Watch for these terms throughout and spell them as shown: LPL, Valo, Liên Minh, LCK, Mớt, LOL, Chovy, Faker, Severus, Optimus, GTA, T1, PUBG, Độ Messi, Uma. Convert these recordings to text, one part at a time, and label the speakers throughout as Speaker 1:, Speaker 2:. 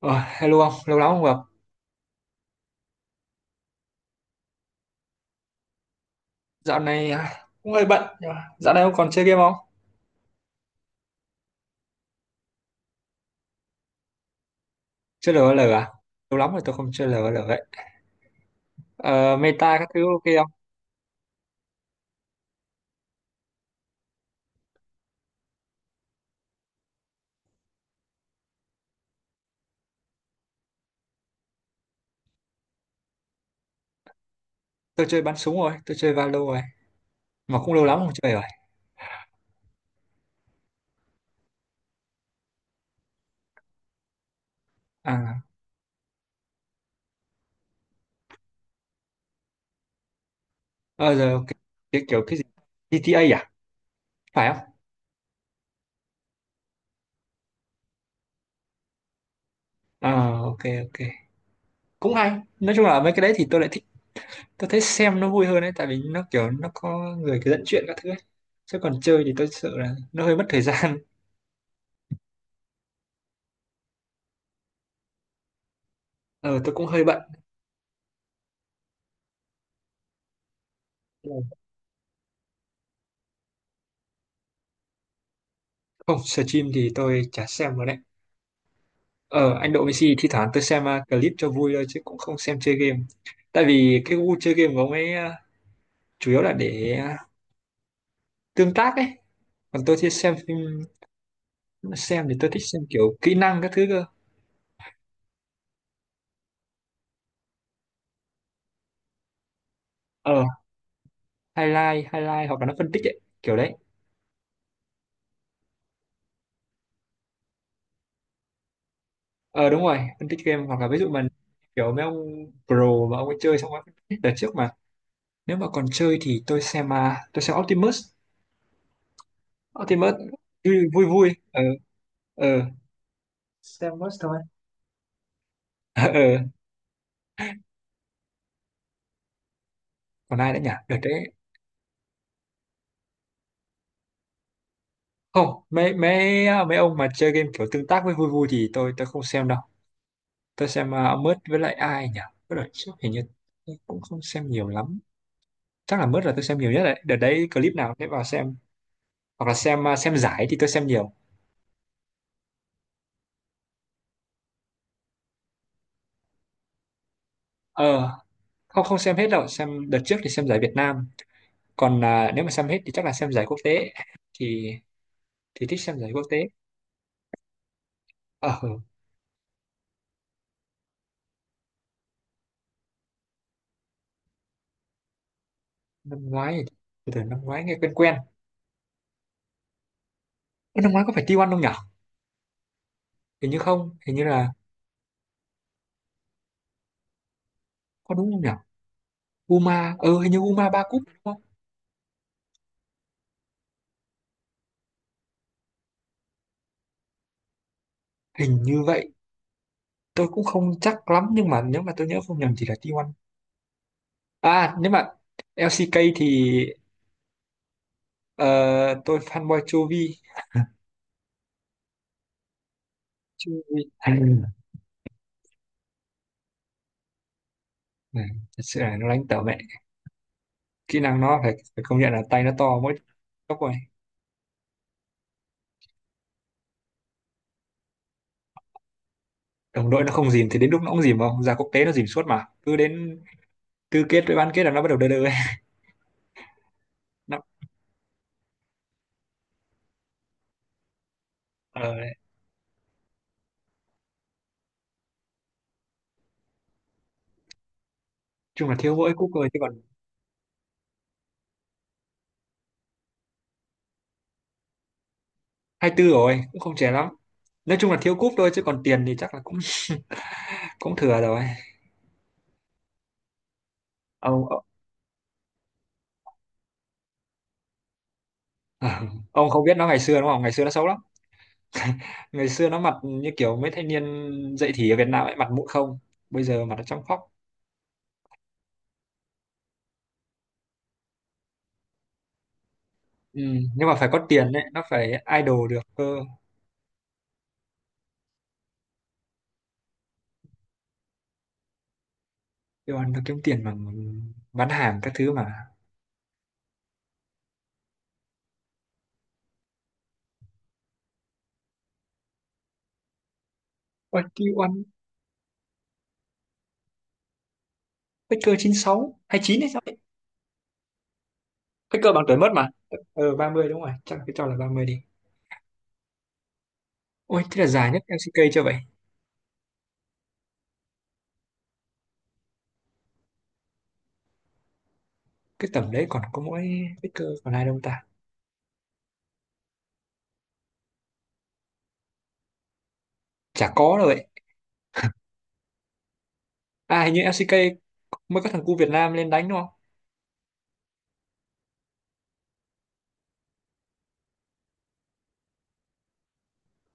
Speaker 1: Ờ, hello ông, lâu lắm không gặp. Dạo này à, cũng hơi bận. Nhưng mà dạo này ông còn chơi game không? Chơi LOL à? Lâu lắm rồi tôi không chơi LOL ấy. Ờ, meta các thứ ok không? Tôi chơi bắn súng rồi, tôi chơi Valo rồi. Mà cũng lâu lắm không chơi rồi. À, ờ, giờ ok. Cái, kiểu cái gì? GTA à? Phải không? Ờ, ok, ok. Cũng hay. Nói chung là mấy cái đấy thì tôi lại thích. Tôi thấy xem nó vui hơn ấy, tại vì nó kiểu nó có người cứ dẫn chuyện các thứ ấy. Chứ còn chơi thì tôi sợ là nó hơi mất thời gian. Ờ, tôi cũng hơi bận. Không, stream thì tôi chả xem rồi đấy. Ờ, anh Độ Messi thi thoảng tôi xem clip cho vui thôi chứ cũng không xem chơi game. Tại vì cái gu chơi game của ông ấy chủ yếu là để tương tác ấy. Còn tôi thì xem phim, xem thì tôi thích xem kiểu kỹ năng các thứ cơ. Ờ, highlight, highlight hoặc là nó phân tích ấy, kiểu đấy. Ờ đúng rồi, phân tích game hoặc là ví dụ mình kiểu mấy ông pro mà ông ấy chơi xong rồi phân tích đợt trước mà. Nếu mà còn chơi thì tôi xem Optimus. Optimus vui vui. Vui. Ờ ờ, xem Optimus thôi. Ờ ờ, còn ai nữa nhỉ? Đợt đấy không mấy mấy à, mấy ông mà chơi game kiểu tương tác với vui vui thì tôi không xem đâu. Tôi xem ông Mớt với lại ai nhỉ, với lại trước hình như tôi cũng không xem nhiều lắm, chắc là Mớt là tôi xem nhiều nhất đấy. Đợt đấy clip nào để vào xem, hoặc là xem giải thì tôi xem nhiều. Ờ không, không xem hết đâu. Xem đợt trước thì xem giải Việt Nam, còn à, nếu mà xem hết thì chắc là xem giải quốc tế. Thì thì thích xem giải quốc tế. Ờ ừ, năm ngoái thì- từ từ năm ngoái nghe quen quen. Ơ, năm ngoái có phải T1 không nhỉ, hình như không, hình như là có đúng không nhỉ. Uma ừ hình như Uma ba cúp đúng không, hình như vậy. Tôi cũng không chắc lắm nhưng mà nếu mà tôi nhớ không nhầm thì là T1. À nếu mà LCK thì ờ, tôi fanboy Chovy. Chovy à, này, thật sự là nó đánh tở mẹ. Kỹ năng nó phải, phải công nhận là tay nó to, mỗi tốc rồi. Đồng đội nó không dìm thì đến lúc nó cũng dìm. Không ra quốc tế nó dìm suốt mà, cứ đến tứ kết với bán kết là nó bắt đầu đơ đơ ấy. Nó, ờ, đấy. Chung là thiếu mỗi cúp rồi chứ còn. 24 rồi cũng không trẻ lắm, nói chung là thiếu cúp thôi chứ còn tiền thì chắc là cũng cũng thừa rồi. Ông ông không biết nó ngày xưa đúng không, ngày xưa nó xấu lắm. Ngày xưa nó mặt như kiểu mấy thanh niên dậy thì ở Việt Nam ấy, mặt mũi không, bây giờ mặt nó trong phóc. Ừ. Nhưng mà phải có tiền đấy nó phải idol được cơ. Yêu ăn nó kiếm tiền bằng bán hàng các thứ mà. Ôi, yêu ăn. Faker 96 hay chín hay sao ấy. Faker bằng tuổi mất mà. Ờ 30 đúng rồi, chắc là cái cho là 30 đi. Ôi thế là dài nhất LCK chưa vậy. Cái tầm đấy còn có mỗi Faker, còn ai đâu ta. Chả có đâu vậy. À hình như LCK mới có thằng cu Việt Nam lên đánh đúng không?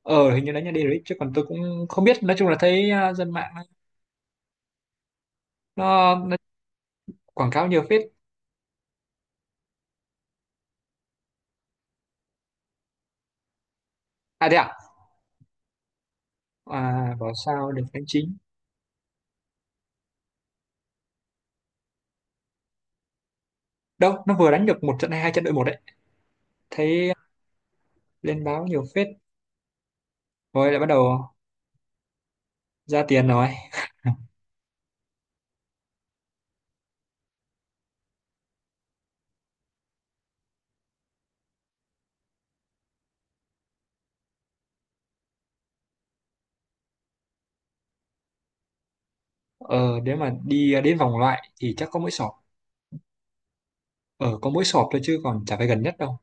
Speaker 1: Ờ hình như đánh nhà đi đấy chứ còn tôi cũng không biết. Nói chung là thấy à, dân mạng nó quảng cáo nhiều phết. À thế à. À bảo sao được đánh chính. Đâu nó vừa đánh được một trận hay hai trận đội một đấy. Thấy lên báo nhiều phết rồi lại bắt đầu ra tiền rồi. Ờ nếu mà đi à, đến vòng loại thì chắc có mỗi sọp. Ờ có mỗi sọp thôi chứ còn chả phải gần nhất đâu.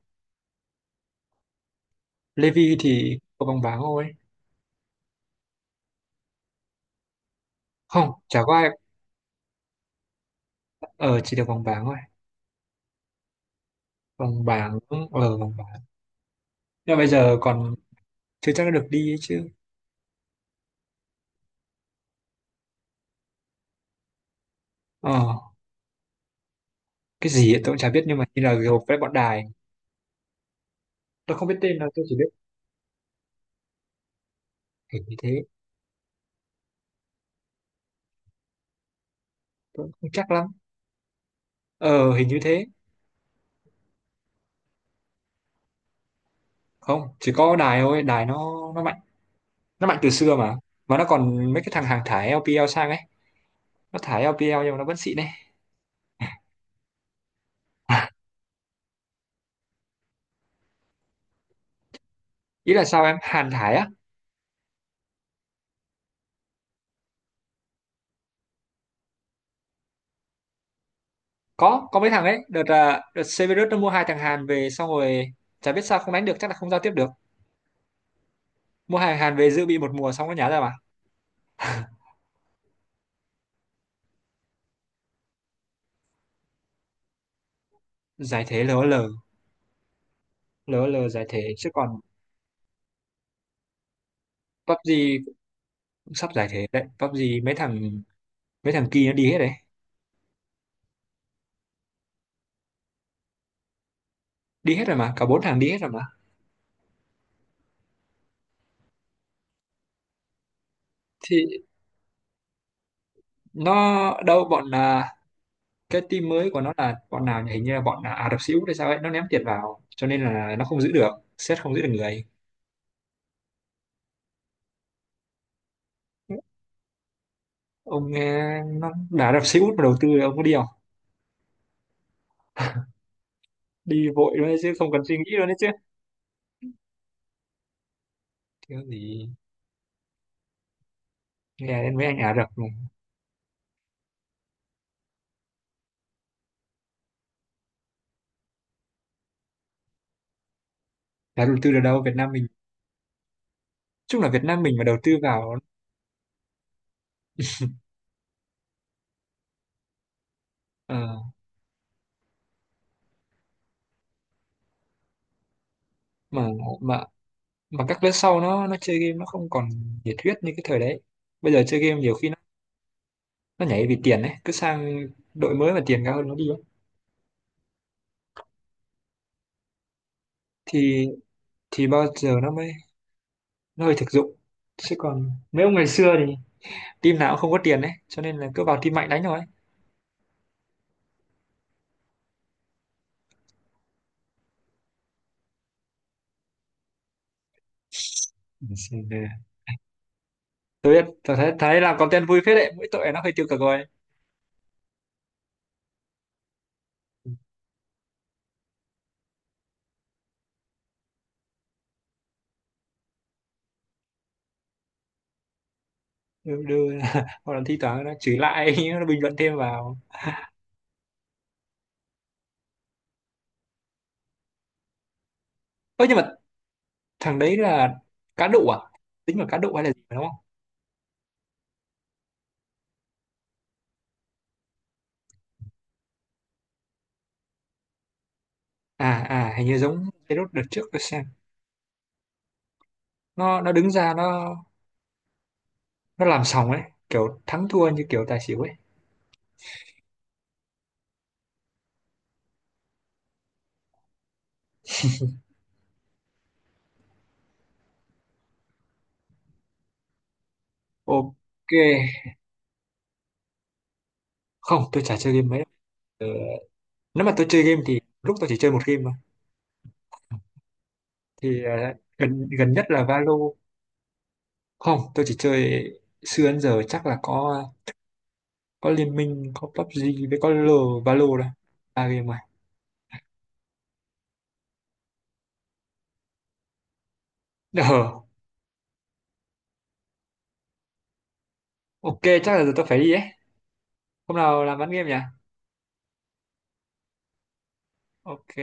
Speaker 1: Levi thì có vòng bảng thôi. Không chả có ai, ờ chỉ được vòng bảng thôi. Vòng bảng. Ờ vòng bảng. Nhưng mà bây giờ còn chưa chắc đã được đi ấy chứ. Ờ cái gì ấy, tôi cũng chả biết nhưng mà như là gộp với bọn đài. Tôi không biết tên đâu, tôi chỉ biết hình như thế. Tôi cũng không chắc lắm, ờ hình như thế. Không chỉ có đài thôi, đài nó mạnh, nó mạnh từ xưa mà. Mà nó còn mấy cái thằng hàng thải LPL sang ấy, nó thải LPL nhưng mà nó vẫn xịn đấy. Ý là sao, em Hàn thải á. Có mấy thằng ấy đợt à, đợt Severus nó mua hai thằng Hàn về xong rồi chả biết sao không đánh được, chắc là không giao tiếp được. Mua hai thằng Hàn về dự bị một mùa xong nó nhả ra mà. Giải thể lờ o lờ. LOL lờ giải thể chứ còn PUBG cũng sắp giải thể đấy. PUBG mấy thằng mấy thằng kia nó đi hết đấy. Đi hết rồi mà, cả bốn thằng đi hết rồi mà. Thì nó đâu bọn là, cái team mới của nó là bọn nào nhỉ? Hình như là bọn là Ả Rập Xê Út hay sao ấy, nó ném tiền vào cho nên là nó không giữ được, sét không giữ được người. Ông nghe nó là Ả Rập Xê Út mà đầu tư, ông có đi không. Đi vội luôn đấy chứ không cần suy nghĩ luôn đấy chứ. Thiếu gì, nghe đến mấy anh Ả Rập mà. Đã đầu tư được đâu Việt Nam mình. Chung là Việt Nam mình mà đầu tư vào. Ờ, mà mà mà các lớp sau nó chơi game nó không còn nhiệt huyết như cái thời đấy. Bây giờ chơi game nhiều khi nó nhảy vì tiền đấy, cứ sang đội mới mà tiền cao hơn nó đi ấy. thì thì bao giờ nó mới, nó hơi thực dụng. Chứ còn mấy ông ngày xưa thì team nào cũng không có tiền đấy, cho nên là cứ vào team mạnh đánh thôi. Ừ, Xin, ờ, tôi biết, tôi thấy thấy làm content vui phết đấy, mỗi tội nó hơi tiêu cực rồi. Đưa, đưa hoặc là thi thoảng nó chửi lại, nó bình luận thêm vào. Ơ nhưng mà thằng đấy là cá độ à, tính là cá độ hay là gì mà đúng không. À à hình như giống cái đốt đợt trước tôi xem, nó đứng ra nó làm sòng ấy, kiểu thắng thua như kiểu tài xỉu ấy. Ok, không, tôi chả chơi game mấy. Ờ, nếu mà tôi chơi game thì lúc tôi chỉ chơi một game mà. Thì ờ, gần gần nhất là Valo. Không, tôi chỉ chơi xưa đến giờ chắc là có Liên Minh, có PUBG với có L Valo đó. Ba game rồi. Ờ, ok, chắc là giờ tôi phải đi ấy. Hôm nào làm bán game nhỉ? Ok.